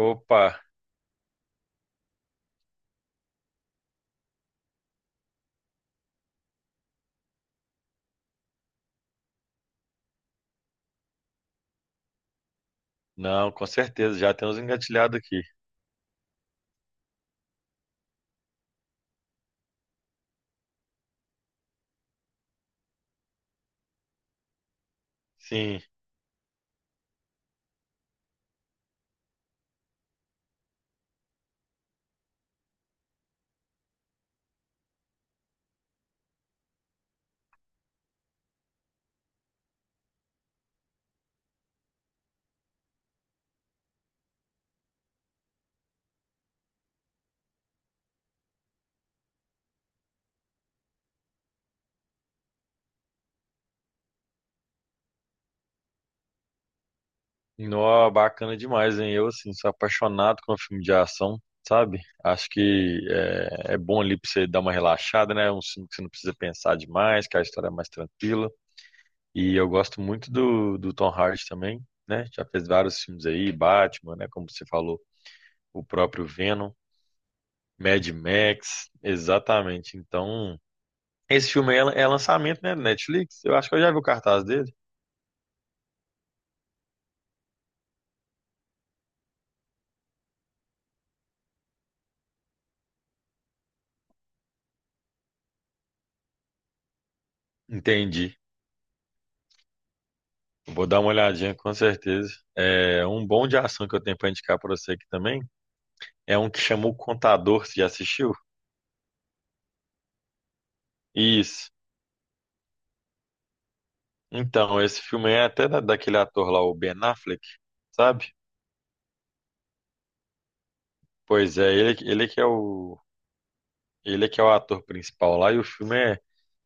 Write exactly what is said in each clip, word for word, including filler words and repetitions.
Opa, não, com certeza, já temos engatilhado aqui. Sim, nó bacana demais, hein? Eu, assim, sou apaixonado com filme de ação, sabe? Acho que é, é bom ali pra você dar uma relaxada, né? É um filme que você não precisa pensar demais, que a história é mais tranquila. E eu gosto muito do, do Tom Hardy também, né? Já fez vários filmes aí, Batman, né? Como você falou, o próprio Venom, Mad Max, exatamente. Então, esse filme aí é, é lançamento, né? Netflix, eu acho que eu já vi o cartaz dele. Entendi. Vou dar uma olhadinha com certeza. É um bom de ação que eu tenho para indicar para você aqui também. É um que chamou O Contador, você já assistiu? Isso. Então, esse filme é até da- daquele ator lá, o Ben Affleck, sabe? Pois é, ele, ele que é o ele que é o ator principal lá e o filme é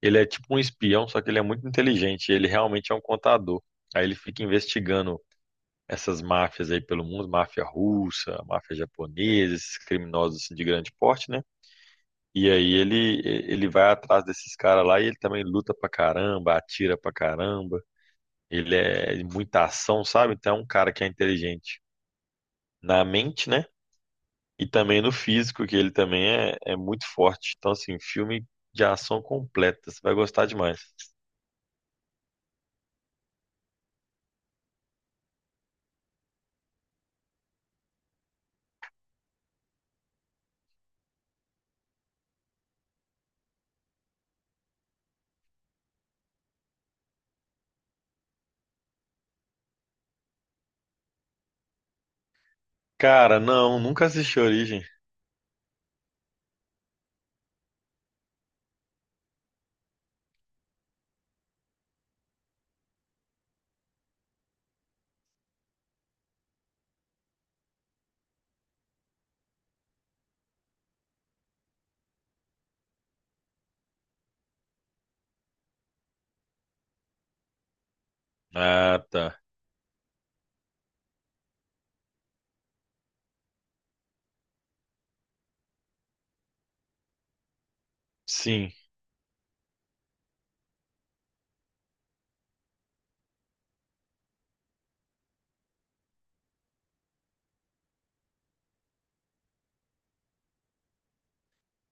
ele é tipo um espião, só que ele é muito inteligente, ele realmente é um contador. Aí ele fica investigando essas máfias aí pelo mundo, máfia russa, máfia japonesa, esses criminosos assim, de grande porte, né? E aí ele ele vai atrás desses caras lá e ele também luta pra caramba, atira pra caramba. Ele é de muita ação, sabe? Então é um cara que é inteligente na mente, né? E também no físico, que ele também é, é muito forte. Então, assim, filme de ação completa. Você vai gostar demais. Cara, não, nunca assisti Origem. Ah, tá. Sim.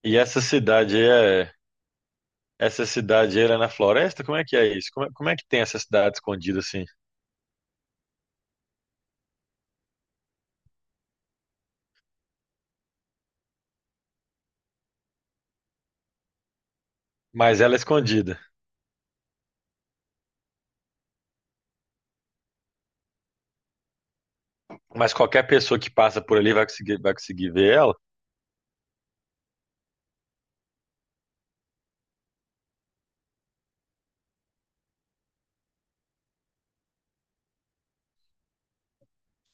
E essa cidade aí é. Essa cidade aí ela é na floresta? Como é que é isso? Como é, como é que tem essa cidade escondida assim? Mas ela é escondida. Mas qualquer pessoa que passa por ali vai conseguir, vai conseguir ver ela.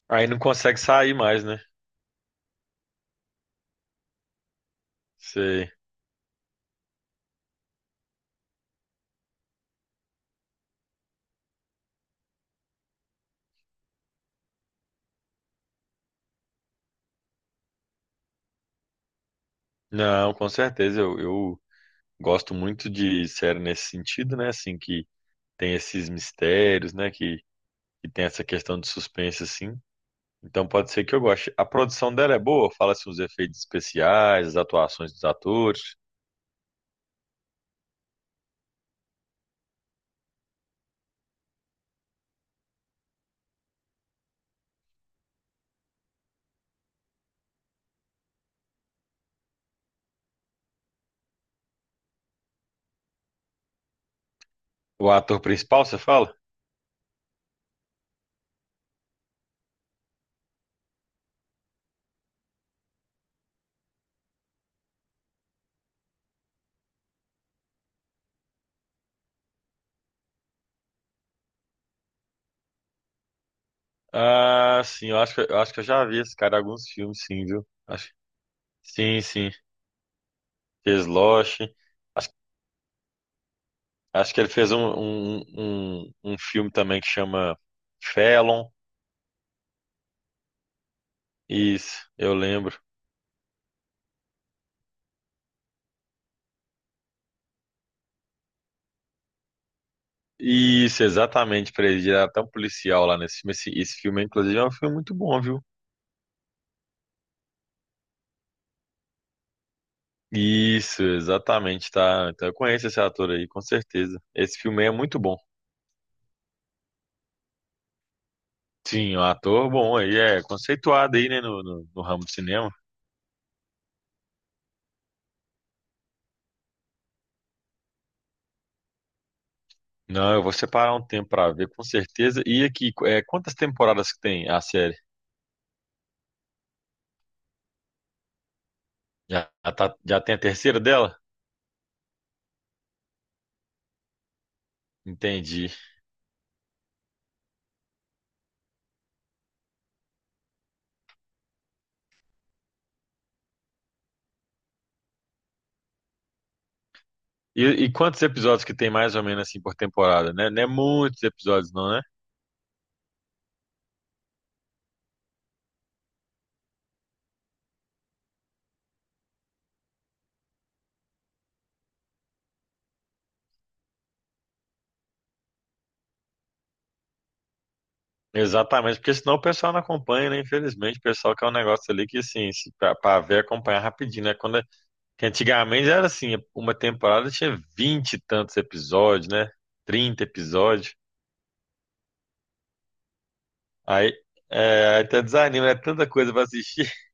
Aí não consegue sair mais, né? Sei. Não, com certeza. Eu, eu gosto muito de série nesse sentido, né? Assim, que tem esses mistérios, né? Que, que tem essa questão de suspense, assim. Então pode ser que eu goste. A produção dela é boa? Fala-se os efeitos especiais, as atuações dos atores. O ator principal, você fala? Ah, sim. Eu acho que, eu acho que eu já vi esse cara em alguns filmes, sim, viu? Acho, sim, sim. Fez Lost. Acho Acho que ele fez um, um, um, um um filme também que chama Felon. Isso, eu lembro. Isso, exatamente, pra ele virar até um policial lá nesse filme. Esse, esse filme, inclusive, é um filme muito bom, viu? Isso, exatamente, tá? Então eu conheço esse ator aí, com certeza. Esse filme aí é muito bom. Sim, um ator bom aí, é conceituado aí, né, no, no, no ramo do cinema. Não, eu vou separar um tempo pra ver, com certeza. E aqui, é, quantas temporadas que tem a série? Já, já, tá- já tem a terceira dela? Entendi. E, e quantos episódios que tem mais ou menos assim por temporada, né? Não é muitos episódios, não, né? Exatamente, porque senão o pessoal não acompanha, né? Infelizmente, o pessoal quer um negócio ali que, assim, se- pra, pra ver, acompanhar rapidinho, né? Quando, é, que antigamente era assim, uma temporada tinha vinte e tantos episódios, né? Trinta episódios. Aí, é, aí até desanima, é tanta coisa pra assistir.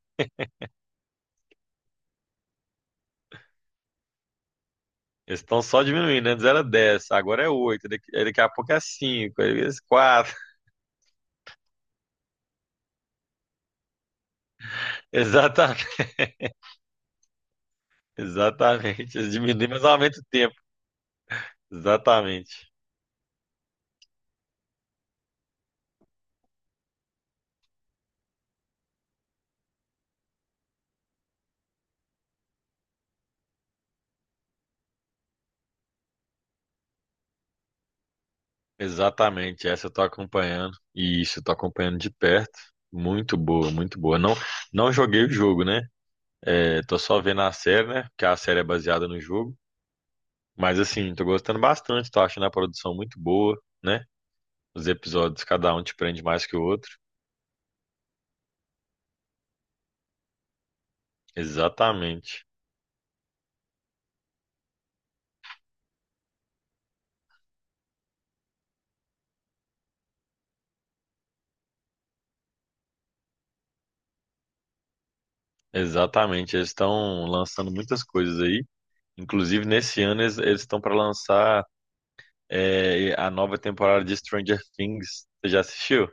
Eles estão só diminuindo, antes era dez, agora é oito, daqui, aí daqui a pouco é cinco, aí é quatro. Exatamente, exatamente. Eles diminuem, mas aumenta o tempo. Exatamente. Exatamente. Essa eu tô acompanhando. E isso, eu tô acompanhando de perto. Muito boa, muito boa. Não, não joguei o jogo, né? É, tô só vendo a série, né? Porque a série é baseada no jogo. Mas assim, tô gostando bastante, tô achando a produção muito boa, né? Os episódios, cada um te prende mais que o outro. Exatamente. Exatamente. Eles estão lançando muitas coisas aí. Inclusive, nesse ano, eles eles estão para lançar. É, a nova temporada de Stranger Things. Você já assistiu?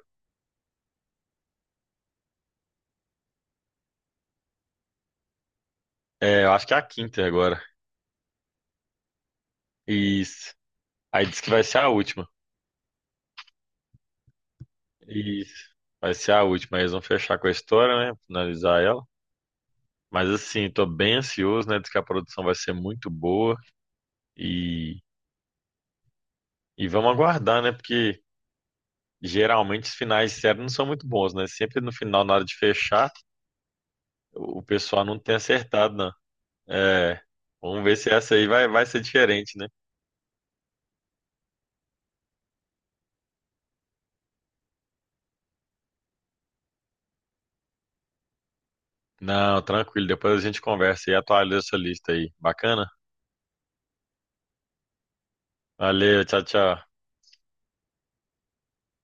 É, eu acho que é a quinta agora. Isso. Aí diz que vai ser a última. Isso. Vai ser a última. Eles vão fechar com a história, né? Finalizar ela. Mas assim, tô bem ansioso, né? Diz que a produção vai ser muito boa. E, e vamos aguardar, né? Porque geralmente os finais de série não são muito bons, né? Sempre no final, na hora de fechar, o pessoal não tem acertado, não. É, vamos ver se essa aí vai, vai ser diferente, né? Não, tranquilo. Depois a gente conversa e atualiza essa lista aí. Bacana? Valeu, tchau, tchau.